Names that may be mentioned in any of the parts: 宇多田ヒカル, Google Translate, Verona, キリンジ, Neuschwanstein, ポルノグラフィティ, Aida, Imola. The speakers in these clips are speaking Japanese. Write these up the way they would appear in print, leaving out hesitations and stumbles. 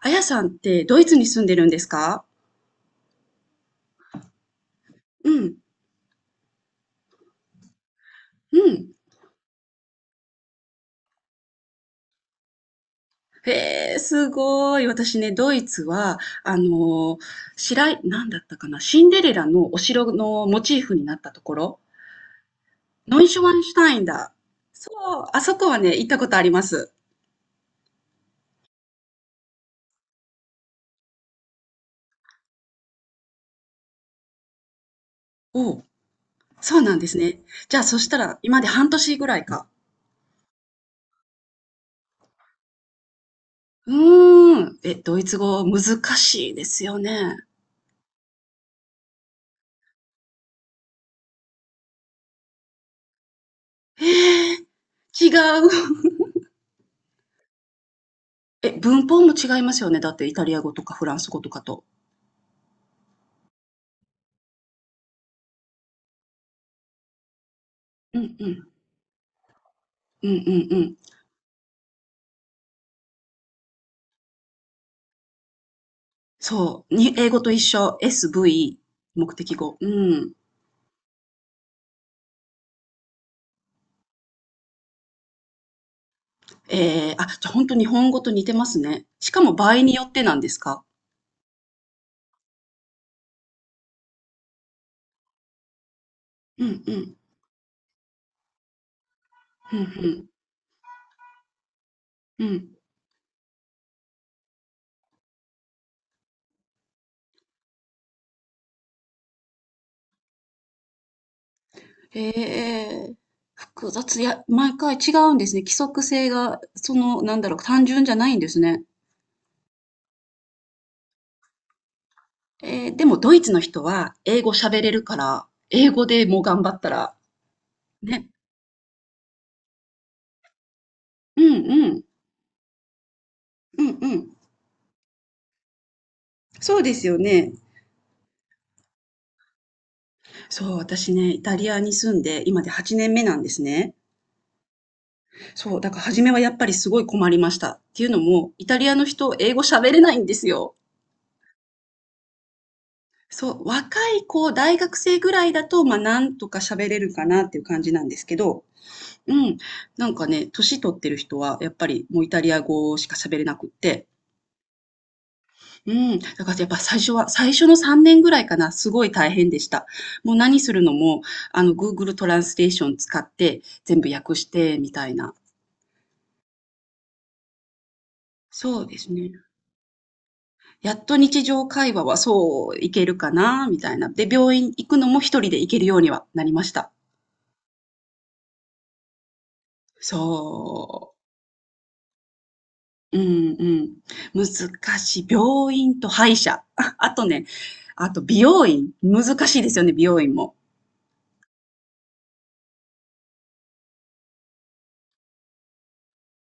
あやさんってドイツに住んでるんですか？うん、うん。へえ、すごい。私ね、ドイツは、あのー、白い、なんだったかな、シンデレラのお城のモチーフになったところ、ノイシュワンシュタインだ。そう、あそこはね、行ったことあります。おう、そうなんですね。じゃあ、そしたら、今まで半年ぐらいか。うーん。え、ドイツ語難しいですよね。へえ、違う。え、文法も違いますよね。だって、イタリア語とかフランス語とかと。うんうん。うんうんうん。そう。に英語と一緒。SV、目的語。うん。あ、じゃあ本当日本語と似てますね。しかも場合によってなんですか？うんうん。うんうん。うん。へえ。複雑。いや、毎回違うんですね。規則性が、その、なんだろう、単純じゃないんですね。でもドイツの人は英語喋れるから、英語でもう頑張ったら、ね。うんうん。うんうん。そうですよね。そう、私ね、イタリアに住んで、今で8年目なんですね。そう、だから初めはやっぱりすごい困りました。っていうのも、イタリアの人、英語喋れないんですよ。そう、若い子、大学生ぐらいだと、まあ、なんとか喋れるかなっていう感じなんですけど、うん、なんかね、年取ってる人は、やっぱりもうイタリア語しか喋れなくって、うん、だからやっぱ最初は、最初の3年ぐらいかな、すごい大変でした。もう何するのも、Google トランスレーション使って、全部訳して、みたいな。そうですね。やっと日常会話はそういけるかな、みたいな。で、病院行くのも一人で行けるようにはなりました。そう。うんうん。難しい。病院と歯医者。ああとね、あと美容院。難しいですよね、美容院も。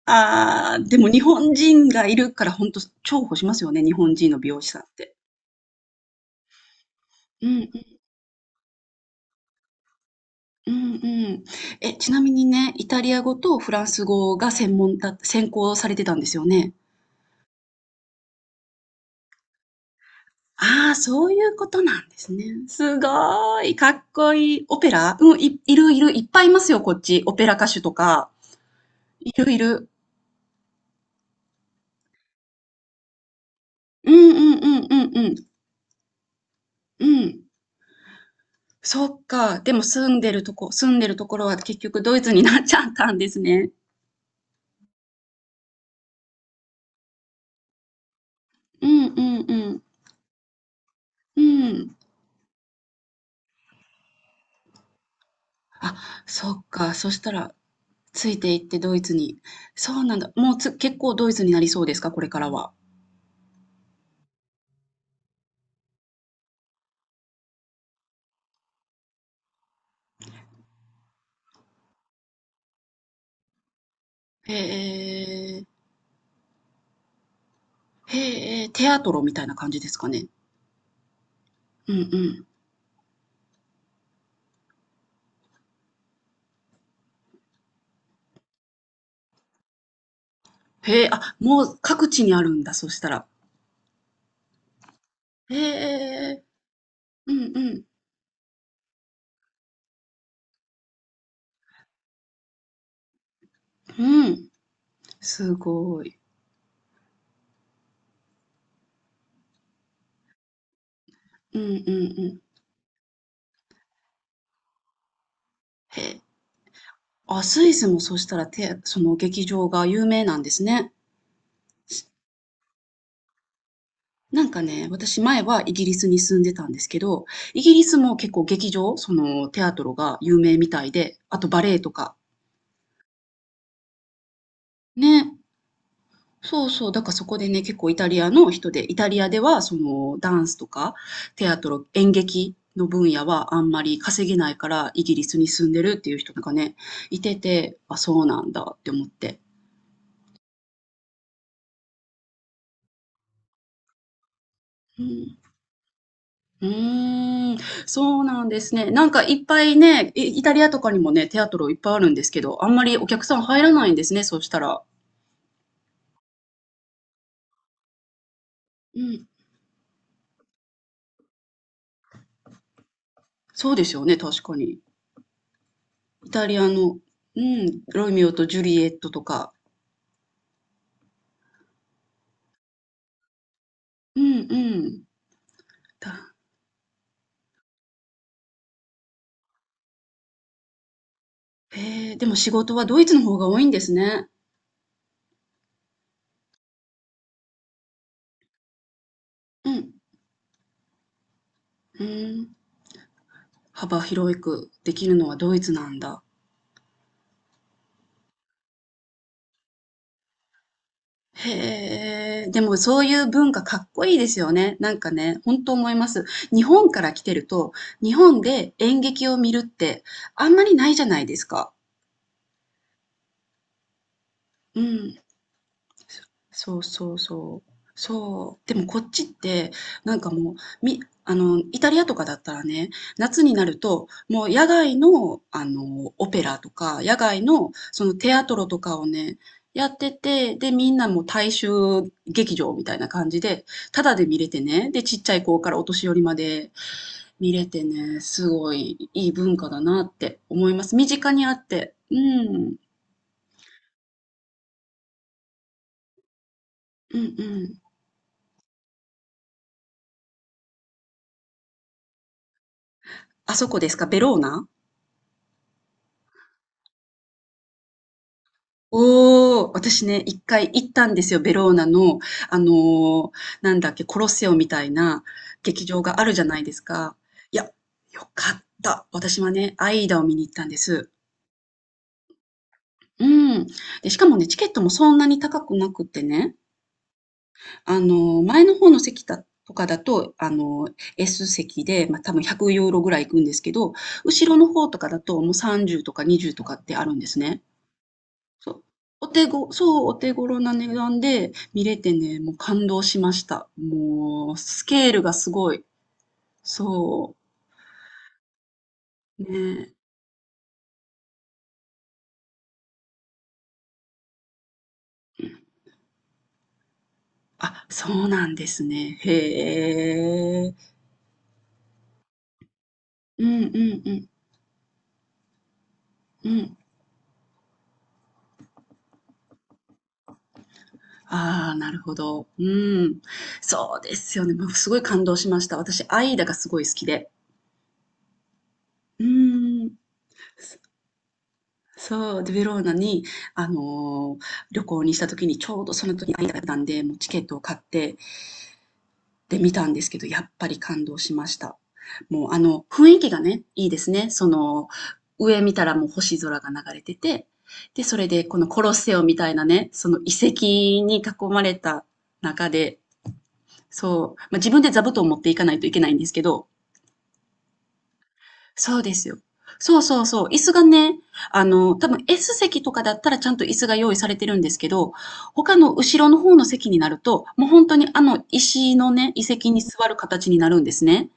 ああ、でも日本人がいるからほんと重宝しますよね、日本人の美容師さんって。うんうん、うんうん。え、ちなみにね、イタリア語とフランス語が専門だ専攻されてたんですよね？ああ、そういうことなんですね。すごーい、かっこいい。オペラうん、いるいる、いっぱいいますよ、こっち。オペラ歌手とか。いるいる。うんうんうんうんうん。うん。そっか、でも住んでるところは結局ドイツになっちゃったんですね。うんうんうん。うん。あ、そっか、そしたら、ついていってドイツに。そうなんだ。もう、結構ドイツになりそうですか？これからは。へえ。へえ、テアトロみたいな感じですかね？うんうん。へえ、あ、もう各地にあるんだ、そしたら。へええ。うんうん。うん。すごい。うんうんうん。へえ。あ、スイスもそしたら、その劇場が有名なんですね。なんかね、私前はイギリスに住んでたんですけど、イギリスも結構劇場、その、テアトロが有名みたいで、あとバレエとか。ね。そうそう、だからそこでね、結構イタリアの人で、イタリアではそのダンスとかテアトロ、演劇の分野はあんまり稼げないからイギリスに住んでるっていう人がね、いてて、あ、そうなんだって思って。うん。うーん、そうなんですね。なんかいっぱいね、イタリアとかにもね、テアトロいっぱいあるんですけど、あんまりお客さん入らないんですね、そうしたら。うん、そうですよね、確かに。イタリアの、うん、ロミオとジュリエットとか。うんうん。へえ、でも仕事はドイツの方が多いんですね。うん。うん。幅広くできるのはドイツなんだ。へえ、でもそういう文化かっこいいですよね。なんかね、本当思います。日本から来てると、日本で演劇を見るってあんまりないじゃないですか。うん。そうそうそう。そう。でもこっちって、なんかもう、み、イタリアとかだったらね、夏になると、もう野外の、オペラとか、野外の、そのテアトロとかをね、やってて、で、みんなもう大衆劇場みたいな感じで、タダで見れてね、で、ちっちゃい子からお年寄りまで見れてね、すごいいい文化だなって思います。身近にあって。うん。うんうん。あそこですかベローナ？おお、私ね、1回行ったんですよ、ベローナの、あの、なんだっけ、コロッセオみたいな劇場があるじゃないですか。いや、よかった。私はね、アイダを見に行ったんです。うん。で、しかもね、チケットもそんなに高くなくってね、前の方の席だとかだと、S 席で、まあ、多分100ユーロぐらい行くんですけど、後ろの方とかだともう30とか20とかってあるんですね。そう。お手頃な値段で見れてね、もう感動しました。もうスケールがすごい。そう。ねえ。あ、そうなんですね。へえ。うんうんうんうん。ああ、なるほど。うん。そうですよね。もうすごい感動しました。私、アイダがすごい好きで。うーん。そそう、で、ベローナに、あの、旅行にした時に、ちょうどその時にアイダだったんで、もうチケットを買っててみたんですけど、やっぱり感動しました。もう雰囲気がね、いいですね。その、上見たらもう星空が流れてて、で、それでこのコロッセオみたいなね、その遺跡に囲まれた中で、そう、まあ、自分で座布団を持っていかないといけないんですけど、そうですよ。そうそうそう、椅子がね、多分 S 席とかだったらちゃんと椅子が用意されてるんですけど、他の後ろの方の席になると、もう本当にあの石のね、遺跡に座る形になるんですね。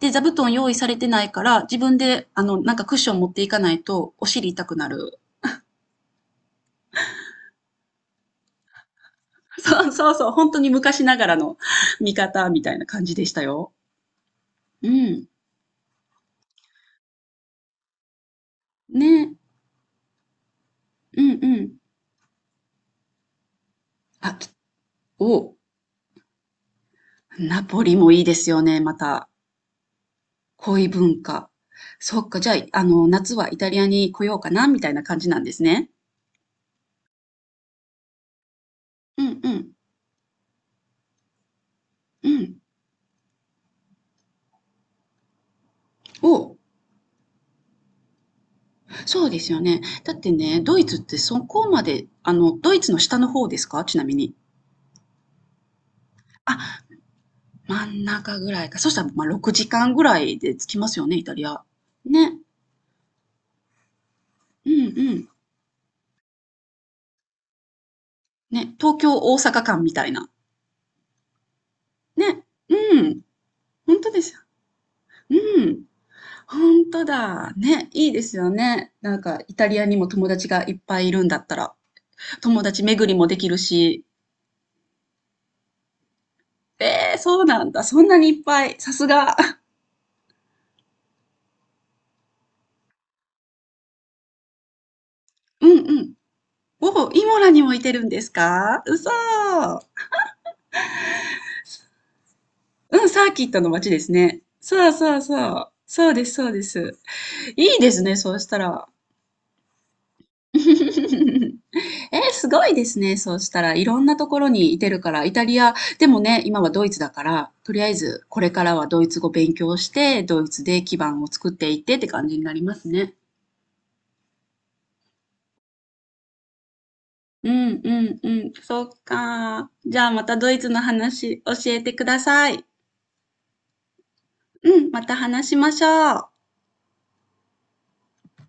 で、座布団用意されてないから、自分で、なんかクッション持っていかないと、お尻痛くなる。そうそうそう、本当に昔ながらの 見方みたいな感じでしたよ。うん。ね。うんうん。あ、お、ナポリもいいですよね、また。恋文化。そっか、じゃあ、夏はイタリアに来ようかな、みたいな感じなんですね。うんうん。うん。お、そうですよね。だってね、ドイツってそこまで、ドイツの下の方ですかちなみに。あ、真ん中ぐらいか。そしたら、まあ、6時間ぐらいで着きますよね、イタリア。ね。うんうん。ね、東京、大阪間みたいな。ね。うん。ほんとですよ。うん。ほんとだ。ね、いいですよね。なんかイタリアにも友達がいっぱいいるんだったら、友達巡りもできるし。えーそうなんだ。そんなにいっぱい。さすが。うんうん。おお、イモラにもいてるんですか？うそー。うん、サーキットの街ですね。そうそうそう。そうですそうです。いいですね、そうしたら。えー、すごいですね、そうしたら。いろんなところにいてるから、イタリア、でもね、今はドイツだから、とりあえずこれからはドイツ語勉強して、ドイツで基盤を作っていってって感じになりますね。うんうんうん、そっか。じゃあまたドイツの話教えてください。うん、また話しましょう。